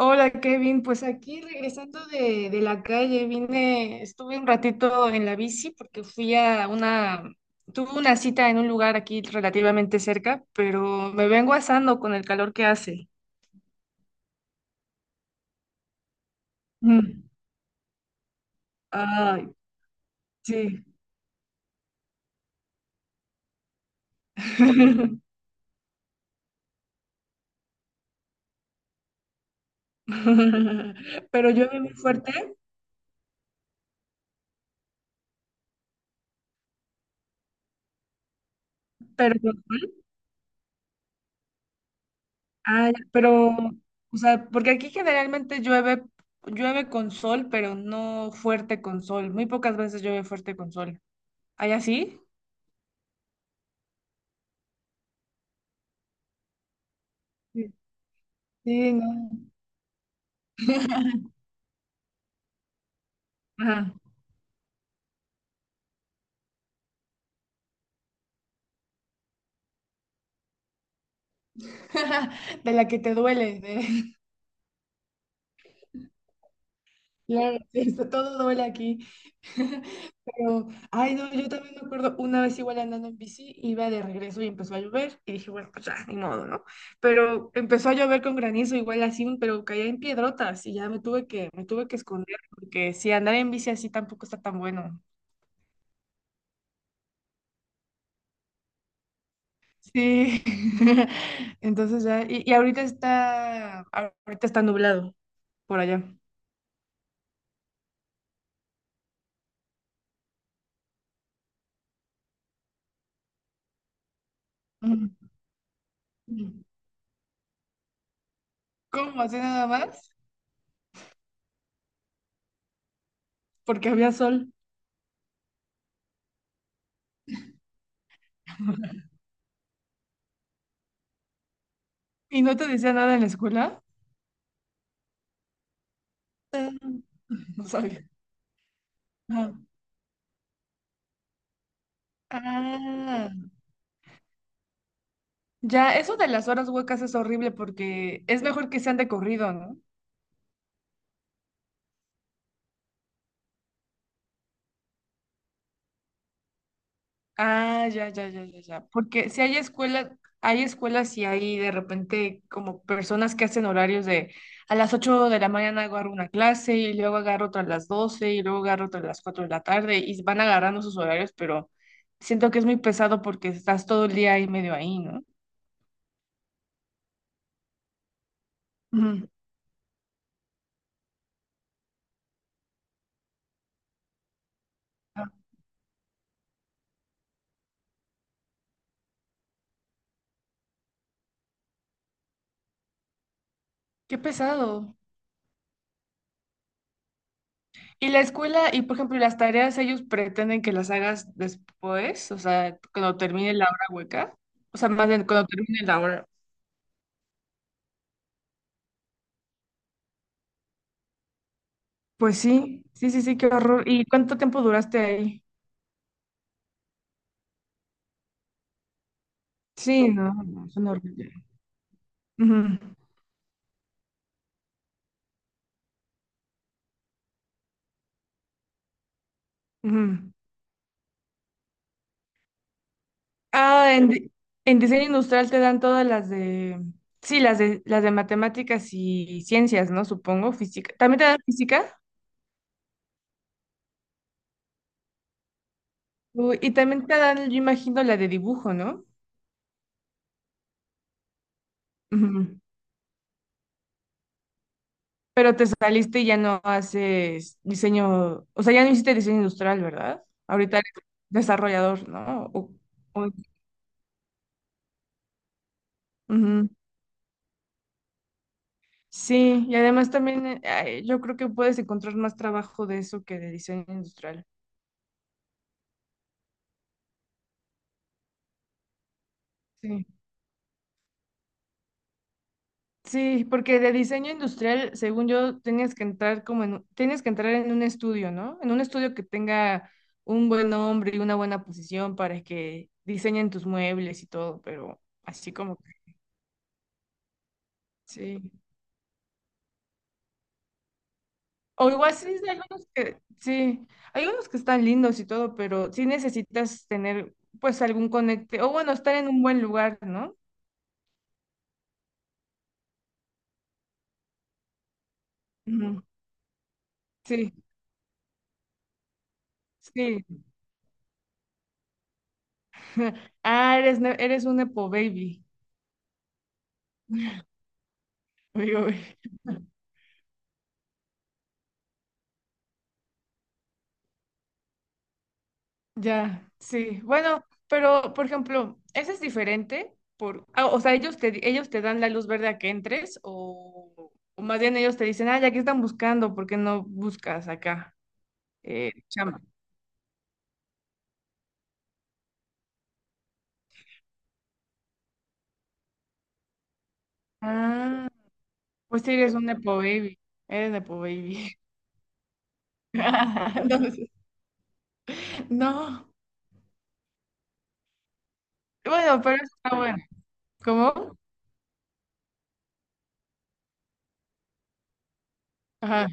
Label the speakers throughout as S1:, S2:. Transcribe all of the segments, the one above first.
S1: Hola Kevin, pues aquí regresando de la calle, vine, estuve un ratito en la bici porque tuve una cita en un lugar aquí relativamente cerca, pero me vengo asando con el calor que hace. Mm. Ay, sí. Pero llueve muy fuerte, pero, ah, ya, pero, o sea, porque aquí generalmente llueve, llueve con sol, pero no fuerte con sol. Muy pocas veces llueve fuerte con sol. ¿Hay así? Sí, no. Ajá. De la que te duele. Claro, eso, todo duele aquí. Pero, ay, no, yo también me acuerdo una vez igual andando en bici, iba de regreso y empezó a llover. Y dije, bueno, pues ya, ni modo, ¿no? Pero empezó a llover con granizo, igual así, pero caía en piedrotas y ya me tuve que esconder porque si andar en bici así tampoco está tan bueno. Sí. Entonces ya, y ahorita está nublado por allá. Ujú. ¿Cómo? ¿Así nada más? Porque había sol. ¿Y no te decía nada en la escuela? Ah, No sabía. Ah, ah, ya, eso de las horas huecas es horrible porque es mejor que sean de corrido, ¿no? Ah, ya, ya, ya, ya, ya. Porque si hay escuelas, hay escuelas y hay de repente como personas que hacen horarios de a las 8 de la mañana agarro una clase y luego agarro otra a las 12 y luego agarro otra a las 4 de la tarde y van agarrando sus horarios, pero siento que es muy pesado porque estás todo el día ahí medio ahí, ¿no? Ujú. Ah, qué pesado. Y la escuela, y por ejemplo, las tareas, ellos pretenden que las hagas después, o sea, cuando termine la hora hueca, o sea, más bien cuando termine la hora. Pues sí, sí, sí, sí, qué horror. ¿Y cuánto tiempo duraste ahí? Sí, no, no, son horribles. Ujú, ujú. Ah, en, di- en diseño industrial te dan todas las de, sí, las de matemáticas y ciencias, ¿no? Supongo, física. ¿También te dan física? Uy, y también te dan, yo imagino, la de dibujo, ¿no? Ujú. Pero te saliste y ya no haces diseño, o sea, ya no hiciste diseño industrial, ¿verdad? Ahorita eres desarrollador, ¿no? O- ujú. Sí, y además también ay, yo creo que puedes encontrar más trabajo de eso que de diseño industrial. Sí. Sí, porque de diseño industrial, según yo, tienes que entrar como en, tienes que entrar en un estudio, ¿no? En un estudio que tenga un buen nombre y una buena posición para que diseñen tus muebles y todo, pero así como que sí. O igual sí, hay algunos que, sí, hay unos que están lindos y todo, pero sí necesitas tener pues algún conecte, o bueno, estar en un buen lugar, ¿no? Ujú, sí. Sí. Ah, eres, eres un Nepo Baby. Digo, güey. Ya, sí. Bueno, pero por ejemplo, ¿ese es diferente? O sea, ellos te dan la luz verde a que entres o más bien ellos te dicen, ah, ya que están buscando, ¿por qué no buscas acá? Chamba. Ah, pues sí, eres un Nepo Baby. Eres Nepo Baby. Entonces, no. Bueno, pero eso está bueno. ¿Cómo? Ajá.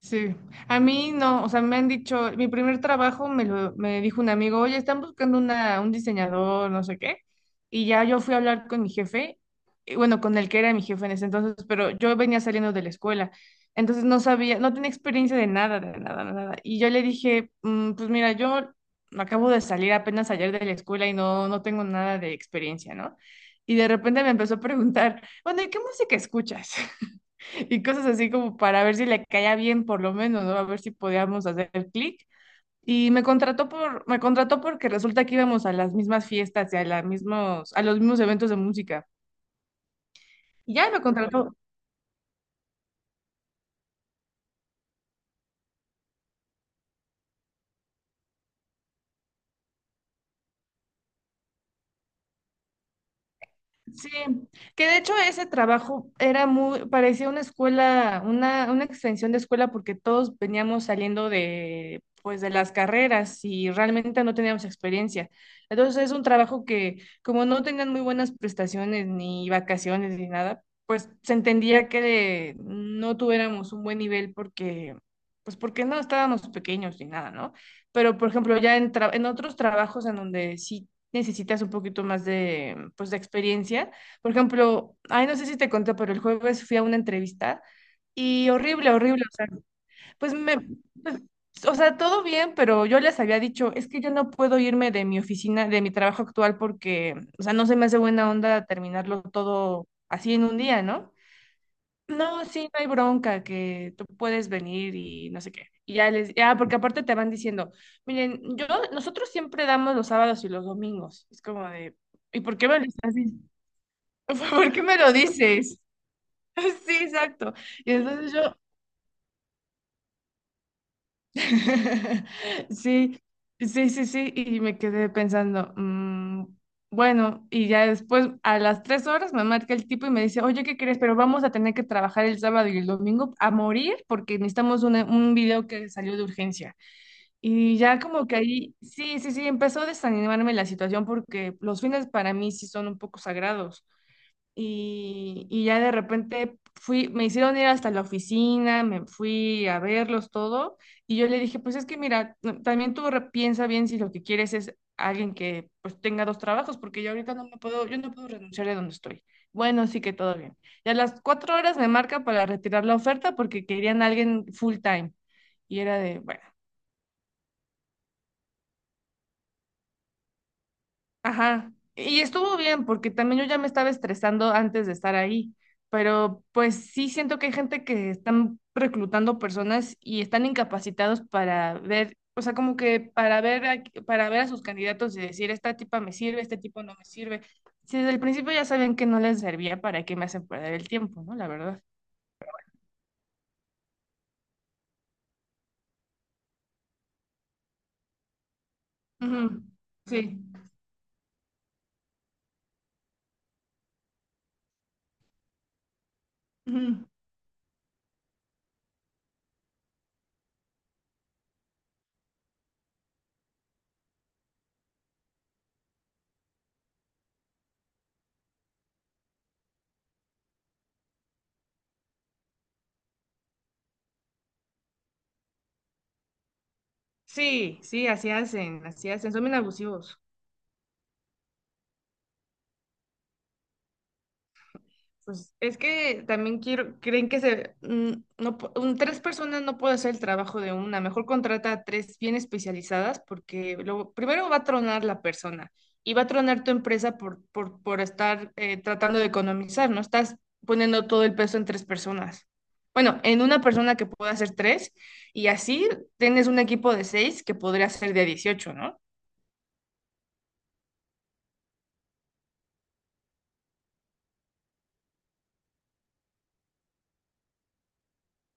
S1: Sí, a mí no, o sea, me han dicho, mi primer trabajo me dijo un amigo, oye, están buscando una, un diseñador, no sé qué, y ya yo fui a hablar con mi jefe, y bueno, con el que era mi jefe en ese entonces, pero yo venía saliendo de la escuela, entonces no sabía, no tenía experiencia de nada, de nada, de nada, y yo le dije, "Mm, pues mira, yo acabo de salir apenas ayer de la escuela y no, no tengo nada de experiencia, ¿no? Y de repente me empezó a preguntar, bueno, ¿y qué música escuchas? Y cosas así como para ver si le caía bien por lo menos, ¿no? A ver si podíamos hacer clic. Y me contrató por, me contrató porque resulta que íbamos a las mismas fiestas y a las mismos, a los mismos eventos de música. Y ya me contrató, sí, que de hecho ese trabajo era muy, parecía una escuela, una extensión de escuela porque todos veníamos saliendo de, pues, de las carreras y realmente no teníamos experiencia. Entonces es un trabajo que como no tenían muy buenas prestaciones ni vacaciones ni nada, pues se entendía que no tuviéramos un buen nivel porque, pues porque no estábamos pequeños ni nada, ¿no? Pero por ejemplo ya en, en otros trabajos en donde sí necesitas un poquito más de, pues, de experiencia. Por ejemplo, ay, no sé si te conté, pero el jueves fui a una entrevista y horrible, horrible. O sea, pues me, pues, o sea, todo bien, pero yo les había dicho, es que yo no puedo irme de mi oficina, de mi trabajo actual, porque, o sea, no se me hace buena onda terminarlo todo así en un día, ¿no? No, sí, no hay bronca, que tú puedes venir y no sé qué. Y ya les, ya, porque aparte te van diciendo, miren, yo, nosotros siempre damos los sábados y los domingos. Es como de, ¿y por qué me lo estás diciendo? ¿Por qué me lo dices? Sí, exacto. Y entonces yo, sí, sí, sí, sí, y me quedé pensando, mm, bueno, y ya después a las 3 horas me marca el tipo y me dice, oye, ¿qué crees? Pero vamos a tener que trabajar el sábado y el domingo a morir porque necesitamos un video que salió de urgencia. Y ya como que ahí, sí, sí, sí, empezó a desanimarme la situación porque los fines para mí sí son un poco sagrados y ya de repente fui, me hicieron ir hasta la oficina, me fui a verlos todo y yo le dije, pues es que mira, también tú piensa bien si lo que quieres es alguien que pues tenga dos trabajos, porque yo ahorita no me puedo, yo no puedo renunciar de donde estoy. Bueno, sí que todo bien. Y a las 4 horas me marca para retirar la oferta porque querían a alguien full time. Y era de, bueno. Ajá, y estuvo bien porque también yo ya me estaba estresando antes de estar ahí, pero pues sí siento que hay gente que están reclutando personas y están incapacitados para ver, o sea, como que para ver a, sus candidatos y decir, esta tipa me sirve, este tipo no me sirve. Si desde el principio ya sabían que no les servía, ¿para qué me hacen perder el tiempo, no? La verdad. Ujú, sí. Ujú. Sí, sí, así hacen, son bien abusivos. Pues es que también quiero, creen que se, mm, no, tres personas no puede hacer el trabajo de una. Mejor contrata a tres bien especializadas porque luego, primero va a tronar la persona y va a tronar tu empresa por, estar tratando de economizar, ¿no? Estás poniendo todo el peso en tres personas. Bueno, en una persona que pueda hacer tres y así tienes un equipo de seis que podría ser de 18, ¿no?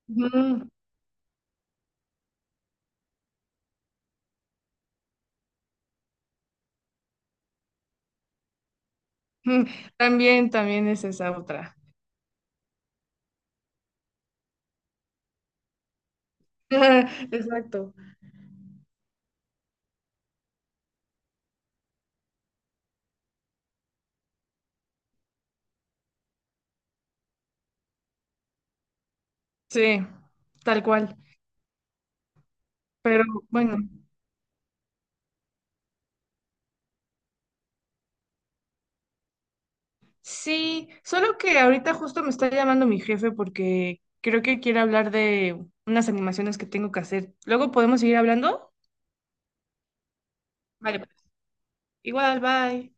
S1: Ujú. Ujú. También, también es esa otra. Exacto. Sí, tal cual. Pero bueno, sí, solo que ahorita justo me está llamando mi jefe porque creo que quiere hablar de unas animaciones que tengo que hacer. Luego podemos seguir hablando. Vale, pues. Igual, bye.